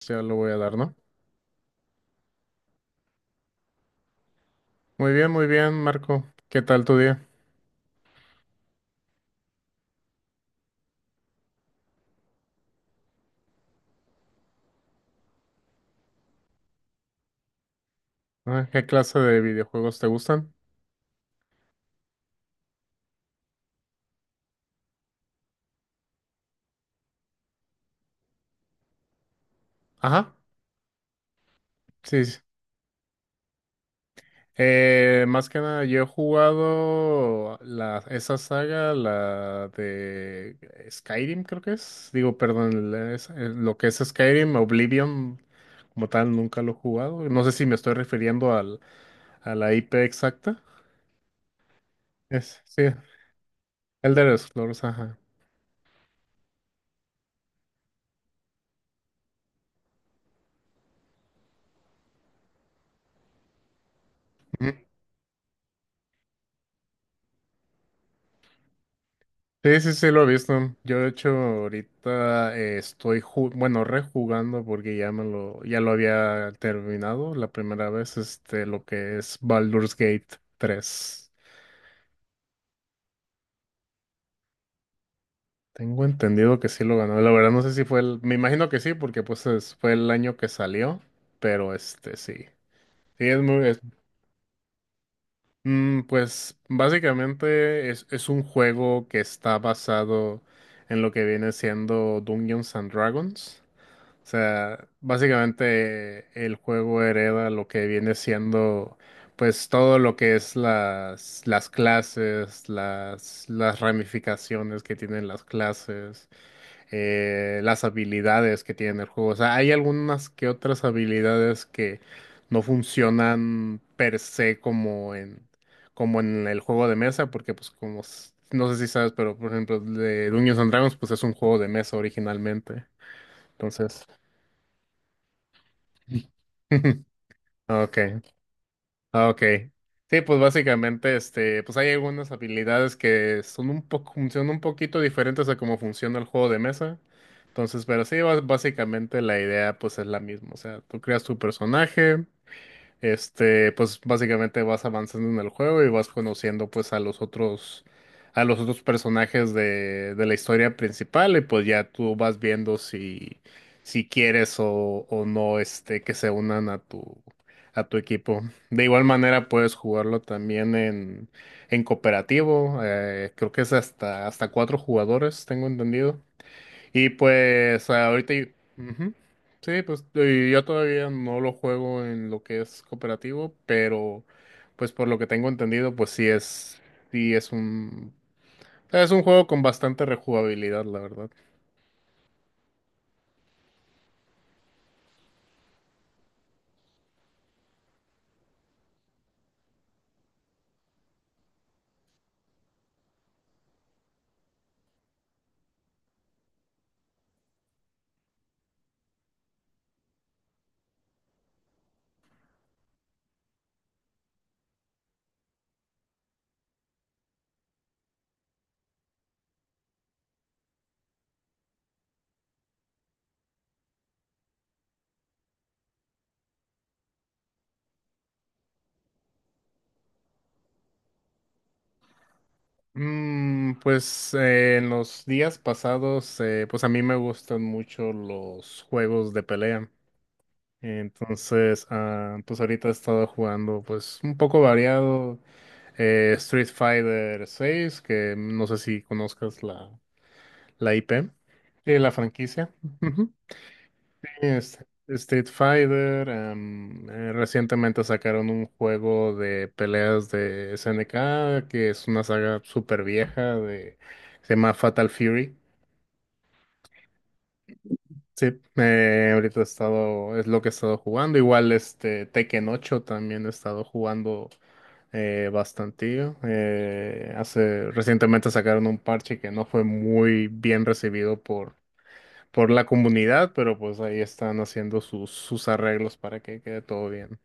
Sí, ya lo voy a dar, ¿no? Muy bien, Marco. ¿Qué tal tu día? Ah, ¿qué clase de videojuegos te gustan? Ajá, sí. Sí. Más que nada, yo he jugado esa saga, la de Skyrim, creo que es. Digo, perdón, lo que es Skyrim, Oblivion, como tal, nunca lo he jugado. No sé si me estoy refiriendo a la IP exacta. Es, sí, Elder Scrolls, ajá. Sí, sí, sí, lo he visto. Yo, de hecho, ahorita estoy, bueno, rejugando porque ya me ya lo había terminado la primera vez, este, lo que es Baldur's Gate tres. Tengo entendido que sí lo ganó. La verdad no sé si fue el, me imagino que sí, porque pues fue el año que salió, pero este, sí. Sí, es muy, pues básicamente es un juego que está basado en lo que viene siendo Dungeons and Dragons. O sea, básicamente el juego hereda lo que viene siendo, pues todo lo que es las clases, las ramificaciones que tienen las clases, las habilidades que tiene el juego. O sea, hay algunas que otras habilidades que no funcionan per se como en el juego de mesa, porque pues como, no sé si sabes, pero por ejemplo, de Dungeons and Dragons, pues es un juego de mesa originalmente. Entonces. Okay, okay. Sí, pues básicamente, este, pues hay algunas habilidades que son un poco, funcionan un poquito diferentes a cómo funciona el juego de mesa. Entonces, pero sí, básicamente la idea pues es la misma. O sea, tú creas tu personaje. Este, pues básicamente vas avanzando en el juego y vas conociendo pues a los a los otros personajes de la historia principal y pues ya tú vas viendo si, si quieres o no este, que se unan a a tu equipo. De igual manera puedes jugarlo también en cooperativo, creo que es hasta, hasta cuatro jugadores, tengo entendido. Y pues ahorita... y- ujú. Sí, pues y yo todavía no lo juego en lo que es cooperativo, pero pues por lo que tengo entendido, pues sí sí es es un juego con bastante rejugabilidad, la verdad. En los días pasados, pues a mí me gustan mucho los juegos de pelea. Entonces, ah, pues ahorita he estado jugando pues un poco variado. Street Fighter 6, que no sé si conozcas la IP, la franquicia. Ujú. Este, Street Fighter, recientemente sacaron un juego de peleas de SNK, que es una saga súper vieja, de, se llama Fatal Fury. Sí, ahorita he estado, es lo que he estado jugando. Igual este Tekken 8 también he estado jugando bastantillo. Hace, recientemente sacaron un parche que no fue muy bien recibido por la comunidad, pero pues ahí están haciendo sus, sus arreglos para que quede todo bien.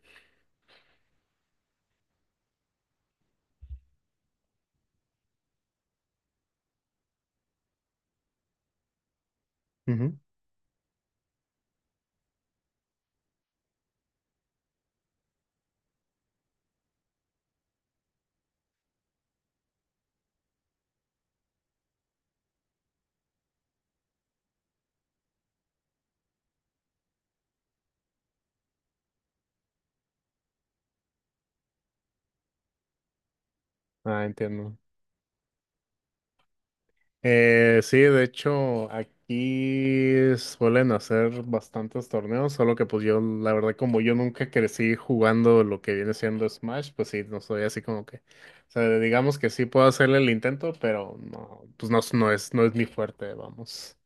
Ujú. Ah, entiendo. Sí, de hecho, aquí suelen hacer bastantes torneos, solo que pues yo, la verdad, como yo nunca crecí jugando lo que viene siendo Smash, pues sí, no soy así como que, o sea, digamos que sí puedo hacerle el intento, pero no, pues no, no es, no es mi fuerte, vamos.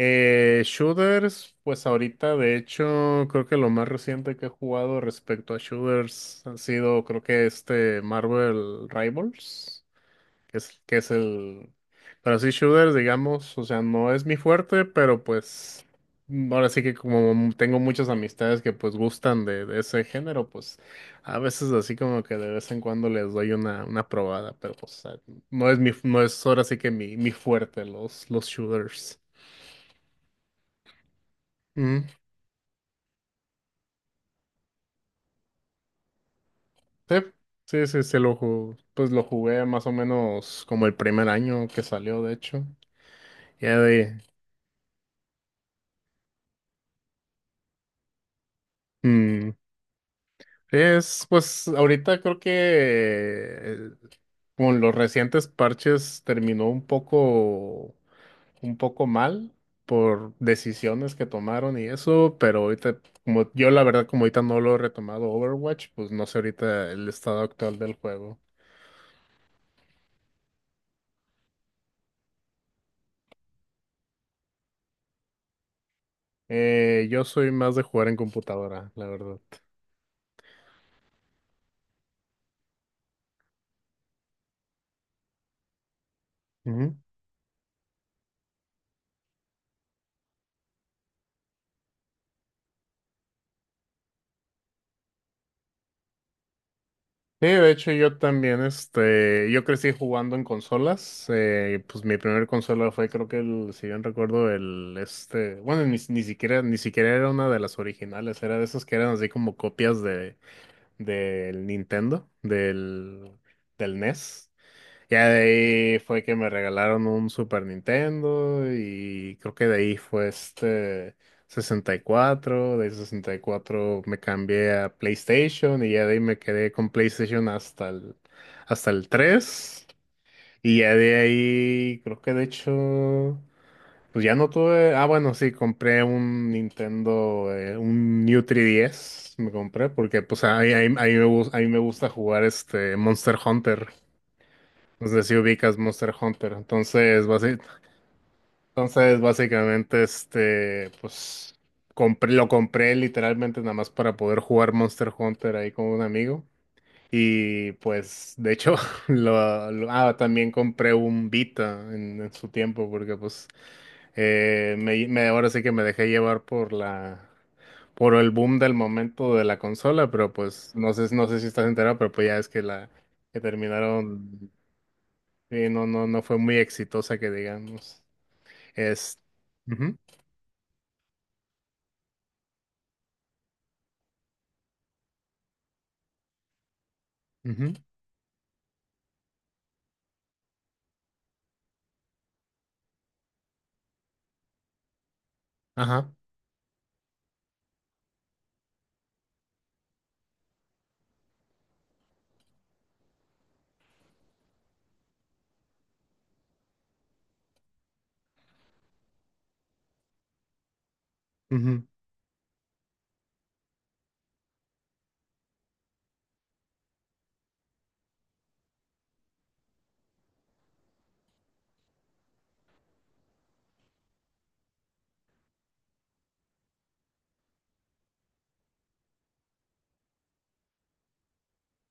Shooters, pues ahorita, de hecho, creo que lo más reciente que he jugado respecto a shooters han sido, creo que este Marvel Rivals. Que es, que es el... Pero sí, shooters, digamos, o sea, no es mi fuerte, pero pues mm, ahora sí que como tengo muchas amistades que pues gustan de ese género, pues a veces así como que de vez en cuando les doy una probada, pero o sea, no es mi, no es ahora sí que mi fuerte, los shooters. Ujú. Sí, sí, sí, sí, pues lo jugué más o menos como el primer año que salió, de hecho. Ya de ahí. Es, pues, ahorita creo que con los recientes parches terminó un poco mal por decisiones que tomaron y eso, pero ahorita, como yo la verdad, como ahorita no lo he retomado Overwatch, pues no sé ahorita el estado actual del juego. Yo soy más de jugar en computadora, la verdad. Sí, de hecho yo también, este, yo crecí jugando en consolas, pues mi primer consola fue creo que el, si bien recuerdo, el, este, bueno, ni siquiera, ni siquiera era una de las originales, era de esas que eran así como copias de, del Nintendo, del, del NES, ya de ahí fue que me regalaron un Super Nintendo y creo que de ahí fue este 64 de 64 me cambié a PlayStation y ya de ahí me quedé con PlayStation hasta el 3 y ya de ahí creo que de hecho pues ya no tuve, ah bueno sí, compré un Nintendo, un New 3DS me compré porque pues a mí, a mí me, a mí me gusta jugar este Monster Hunter. No sé si ubicas Monster Hunter. Entonces, entonces básicamente, este, pues, compré, lo compré literalmente nada más para poder jugar Monster Hunter ahí con un amigo. Y pues, de hecho, también compré un Vita en su tiempo, porque pues, ahora sí que me dejé llevar por por el boom del momento de la consola, pero pues, no sé, no sé si estás enterado, pero pues ya es que que terminaron. Sí, no, no fue muy exitosa que digamos. Es. Ujú, ujú, ajá. Ujú.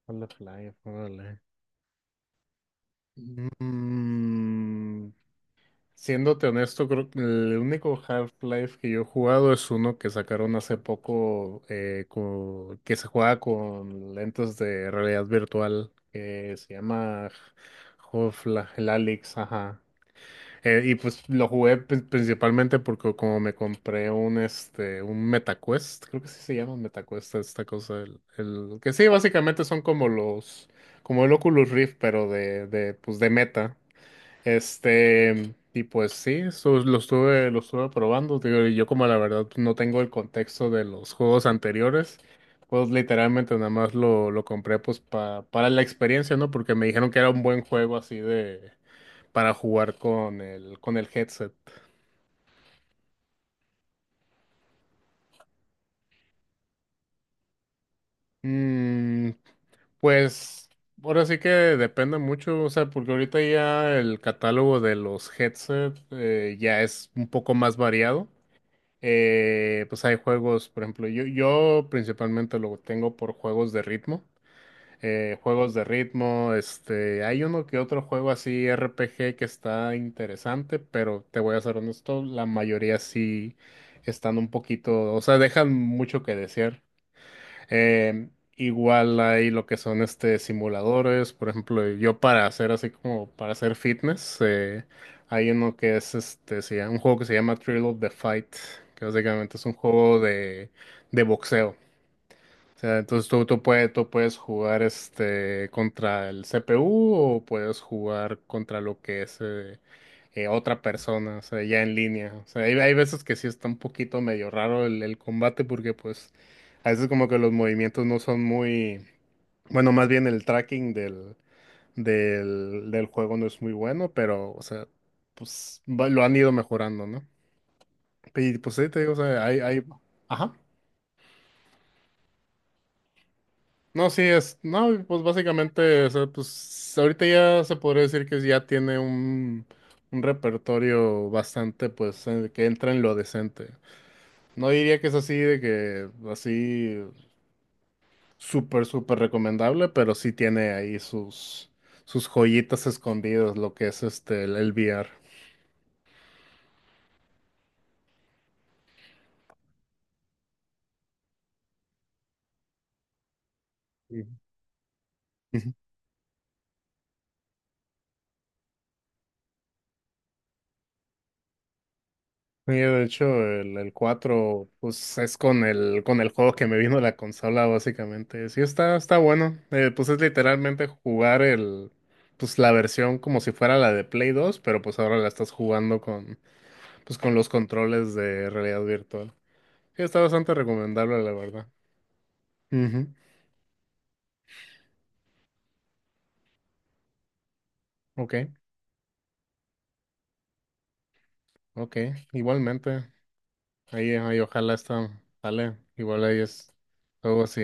A la playa, órale. Mm, Siéndote honesto, creo que el único Half-Life que yo he jugado es uno que sacaron hace poco que se juega con lentes de realidad virtual que se llama Half-Life, el Alyx, ajá. Y pues lo jugué principalmente porque como me compré un un MetaQuest, creo que sí se llama MetaQuest esta cosa, que sí básicamente son como los como el Oculus Rift pero de pues de Meta. Este y pues sí, eso lo estuve probando, digo, y yo como la verdad pues, no tengo el contexto de los juegos anteriores. Pues literalmente nada más lo compré pues para la experiencia, ¿no? Porque me dijeron que era un buen juego así de, para jugar con con el headset. Mm, pues ahora sí que depende mucho, o sea, porque ahorita ya el catálogo de los headsets ya es un poco más variado. Pues hay juegos, por ejemplo, yo principalmente lo tengo por juegos de ritmo. Juegos de ritmo, este, hay uno que otro juego así RPG que está interesante, pero te voy a ser honesto, la mayoría sí están un poquito, o sea, dejan mucho que desear. Eh, Igual hay lo que son este simuladores, por ejemplo, yo para hacer así como para hacer fitness, hay uno que es este, un juego que se llama Thrill of the Fight, que básicamente es un juego de boxeo. O sea, entonces tú, tú puedes jugar este contra el CPU o puedes jugar contra lo que es otra persona, o sea, ya en línea. O sea, hay veces que sí está un poquito medio raro el combate porque pues a veces como que los movimientos no son muy, bueno, más bien el tracking del juego no es muy bueno, pero, o sea, pues lo han ido mejorando, ¿no? Y pues sí, te digo, o sea, hay, ajá. No, sí, no, pues básicamente, o sea, pues ahorita ya se podría decir que ya tiene un repertorio bastante, pues, que entra en lo decente. No diría que es así de que, así, súper, súper recomendable, pero sí tiene ahí sus, sus joyitas escondidas, lo que es este, el VR. Sí. Sí, de hecho, el 4, pues es con el juego que me vino la consola, básicamente. Sí, está, está bueno. Pues es literalmente jugar el, pues la versión como si fuera la de Play 2, pero pues ahora la estás jugando con, pues con los controles de realidad virtual. Sí, está bastante recomendable, la verdad. Ujú. Ok, ok. Igualmente. Ahí, ahí ojalá está, sale. Igual ahí es algo así.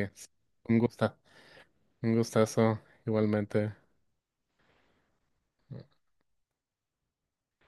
Un gusta, un gustazo, igualmente.